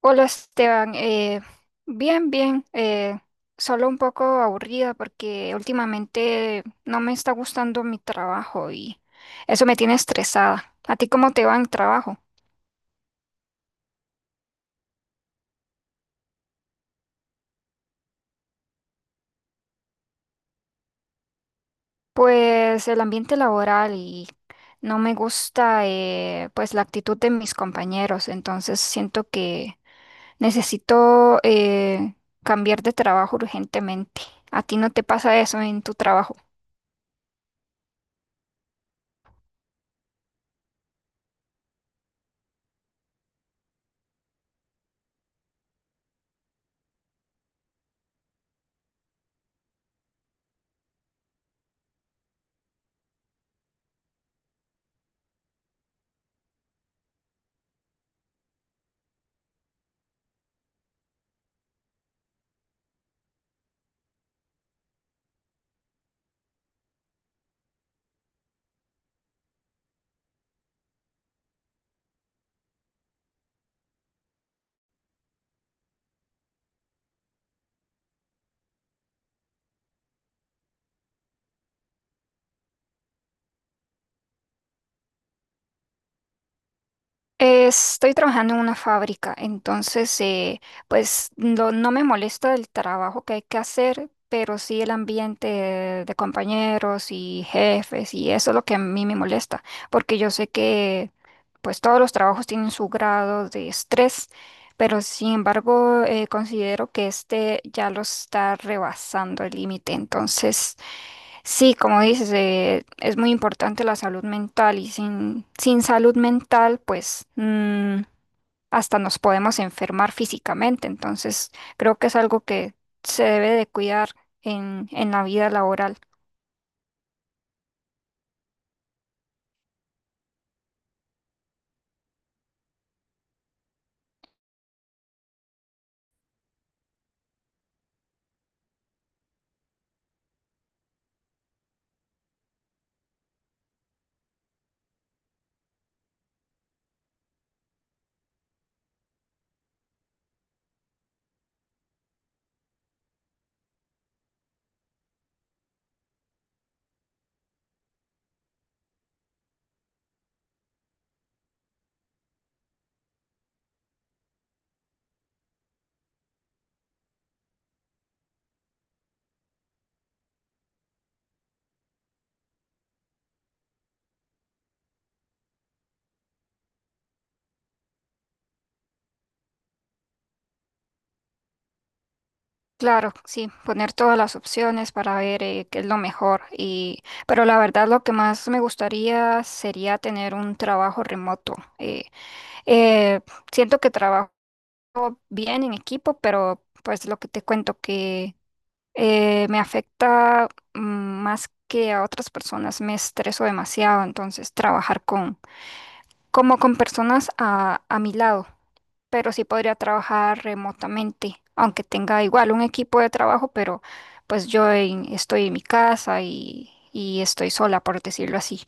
Hola Esteban, bien, bien, solo un poco aburrida porque últimamente no me está gustando mi trabajo y eso me tiene estresada. ¿A ti cómo te va en el trabajo? Pues el ambiente laboral y no me gusta, pues la actitud de mis compañeros, entonces siento que necesito cambiar de trabajo urgentemente. ¿A ti no te pasa eso en tu trabajo? Estoy trabajando en una fábrica, entonces pues no, no me molesta el trabajo que hay que hacer, pero sí el ambiente de compañeros y jefes y eso es lo que a mí me molesta, porque yo sé que pues todos los trabajos tienen su grado de estrés, pero sin embargo, considero que este ya lo está rebasando el límite. Entonces sí, como dices, es muy importante la salud mental y sin salud mental, pues mm, hasta nos podemos enfermar físicamente. Entonces creo que es algo que se debe de cuidar en la vida laboral. Claro, sí, poner todas las opciones para ver qué es lo mejor. Y, pero la verdad, lo que más me gustaría sería tener un trabajo remoto. Eh, Siento que trabajo bien en equipo, pero pues lo que te cuento, que me afecta mm, más que a otras personas, me estreso demasiado, entonces trabajar con, como con personas a mi lado. Pero sí podría trabajar remotamente, aunque tenga igual un equipo de trabajo, pero pues estoy en mi casa y estoy sola, por decirlo así.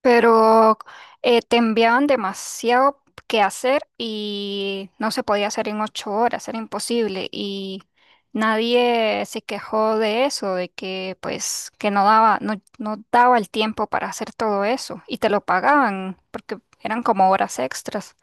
Pero te enviaban demasiado que hacer y no se podía hacer en 8 horas, era imposible. Y nadie se quejó de eso, de que pues que no daba, no, no daba el tiempo para hacer todo eso. Y te lo pagaban, porque eran como horas extras.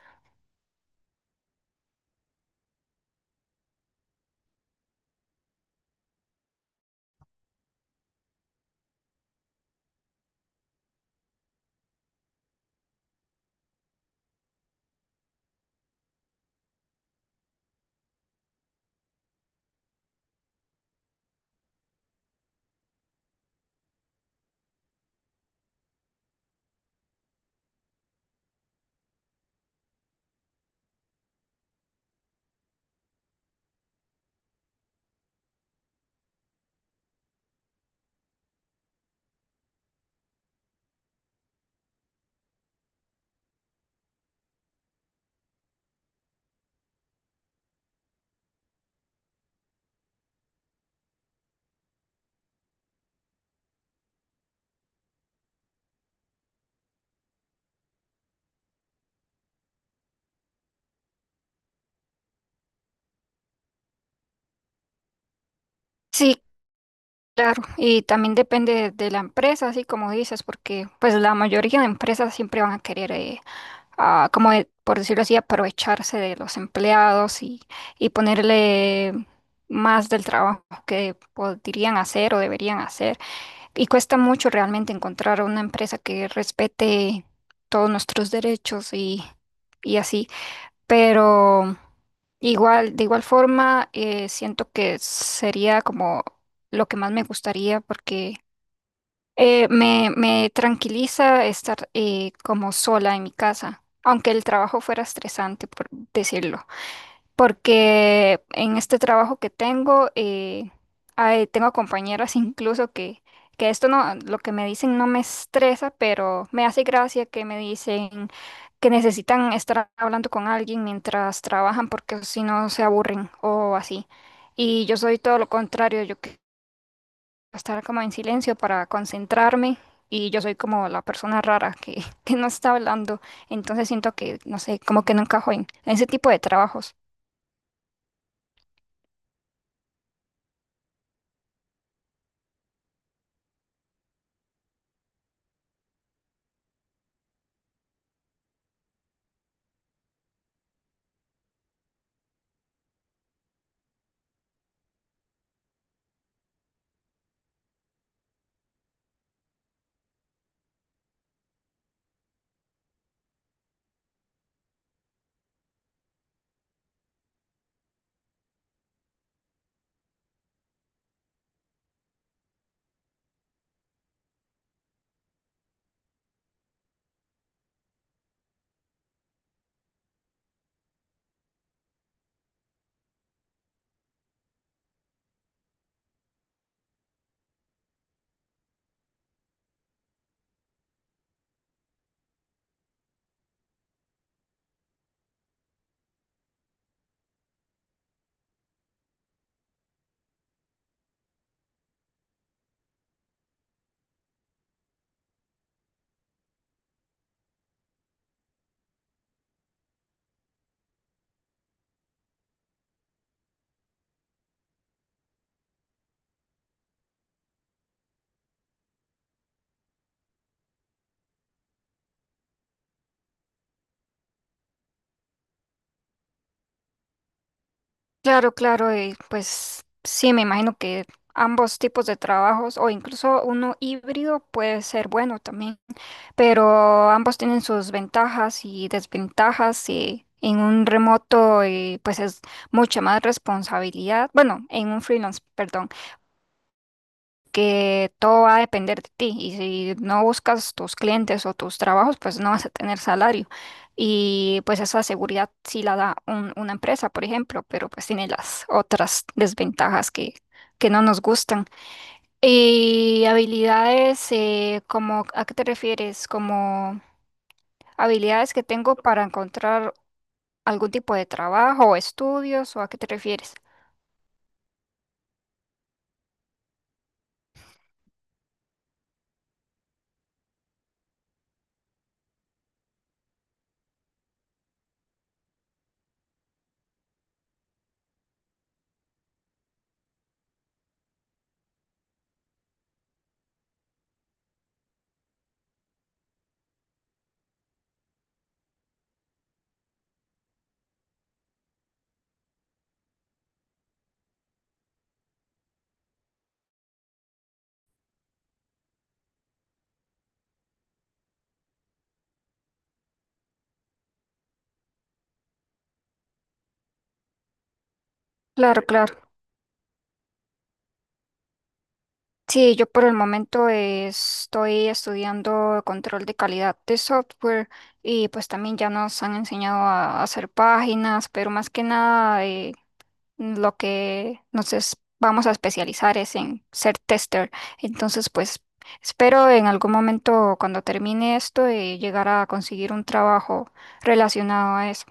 Sí, claro. Y también depende de la empresa, así como dices, porque pues la mayoría de empresas siempre van a querer, a, por decirlo así, aprovecharse de los empleados y ponerle más del trabajo que podrían hacer o deberían hacer. Y cuesta mucho realmente encontrar una empresa que respete todos nuestros derechos y así. Pero igual, de igual forma, siento que sería como lo que más me gustaría, porque me tranquiliza estar, como sola en mi casa, aunque el trabajo fuera estresante, por decirlo, porque en este trabajo que tengo, tengo compañeras incluso que esto no, lo que me dicen no me estresa, pero me hace gracia que me dicen que necesitan estar hablando con alguien mientras trabajan porque si no se aburren o así. Y yo soy todo lo contrario, yo estar como en silencio para concentrarme, y yo soy como la persona rara que que no está hablando, entonces siento que, no sé, como que no encajo en ese tipo de trabajos. Claro, claro, y pues sí, me imagino que ambos tipos de trabajos o incluso uno híbrido puede ser bueno también, pero ambos tienen sus ventajas y desventajas, y en un remoto, pues es mucha más responsabilidad, bueno, en un freelance, perdón, que todo va a depender de ti, y si no buscas tus clientes o tus trabajos, pues no vas a tener salario. Y pues esa seguridad sí la da una empresa, por ejemplo, pero pues tiene las otras desventajas que no nos gustan. Y habilidades, como, ¿a qué te refieres? Como habilidades que tengo para encontrar algún tipo de trabajo o estudios, ¿o a qué te refieres? Claro, claro. Sí, yo por el momento, estoy estudiando control de calidad de software, y pues también ya nos han enseñado a hacer páginas, pero más que nada, lo que vamos a especializar es en ser tester. Entonces, pues, espero en algún momento, cuando termine esto, llegar a conseguir un trabajo relacionado a eso.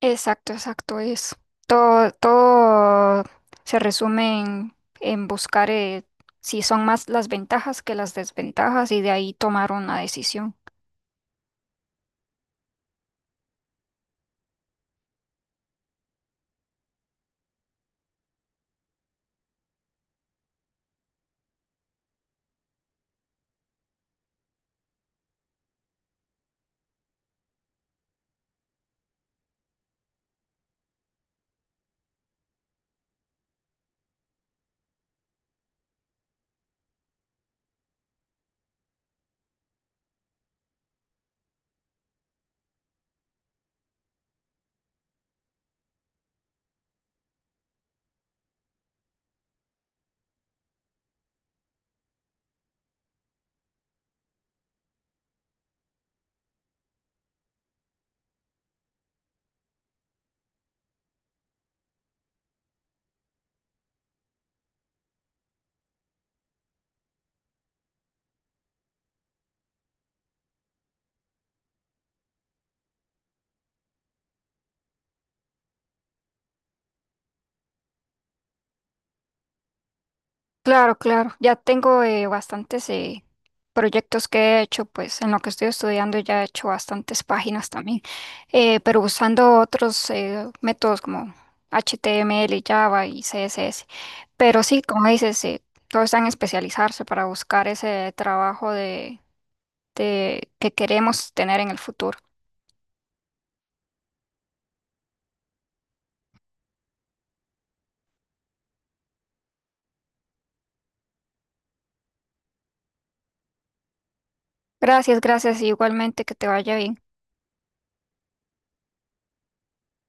Exacto, exacto, es todo, todo se resume en buscar, si son más las ventajas que las desventajas, y de ahí tomar una decisión. Claro, claro, ya tengo, bastantes, proyectos que he hecho, pues en lo que estoy estudiando ya he hecho bastantes páginas también, pero usando otros, métodos como HTML, Java y CSS. Pero sí, como dices, todo está en especializarse para buscar ese trabajo que queremos tener en el futuro. Gracias, gracias, y igualmente que te vaya bien.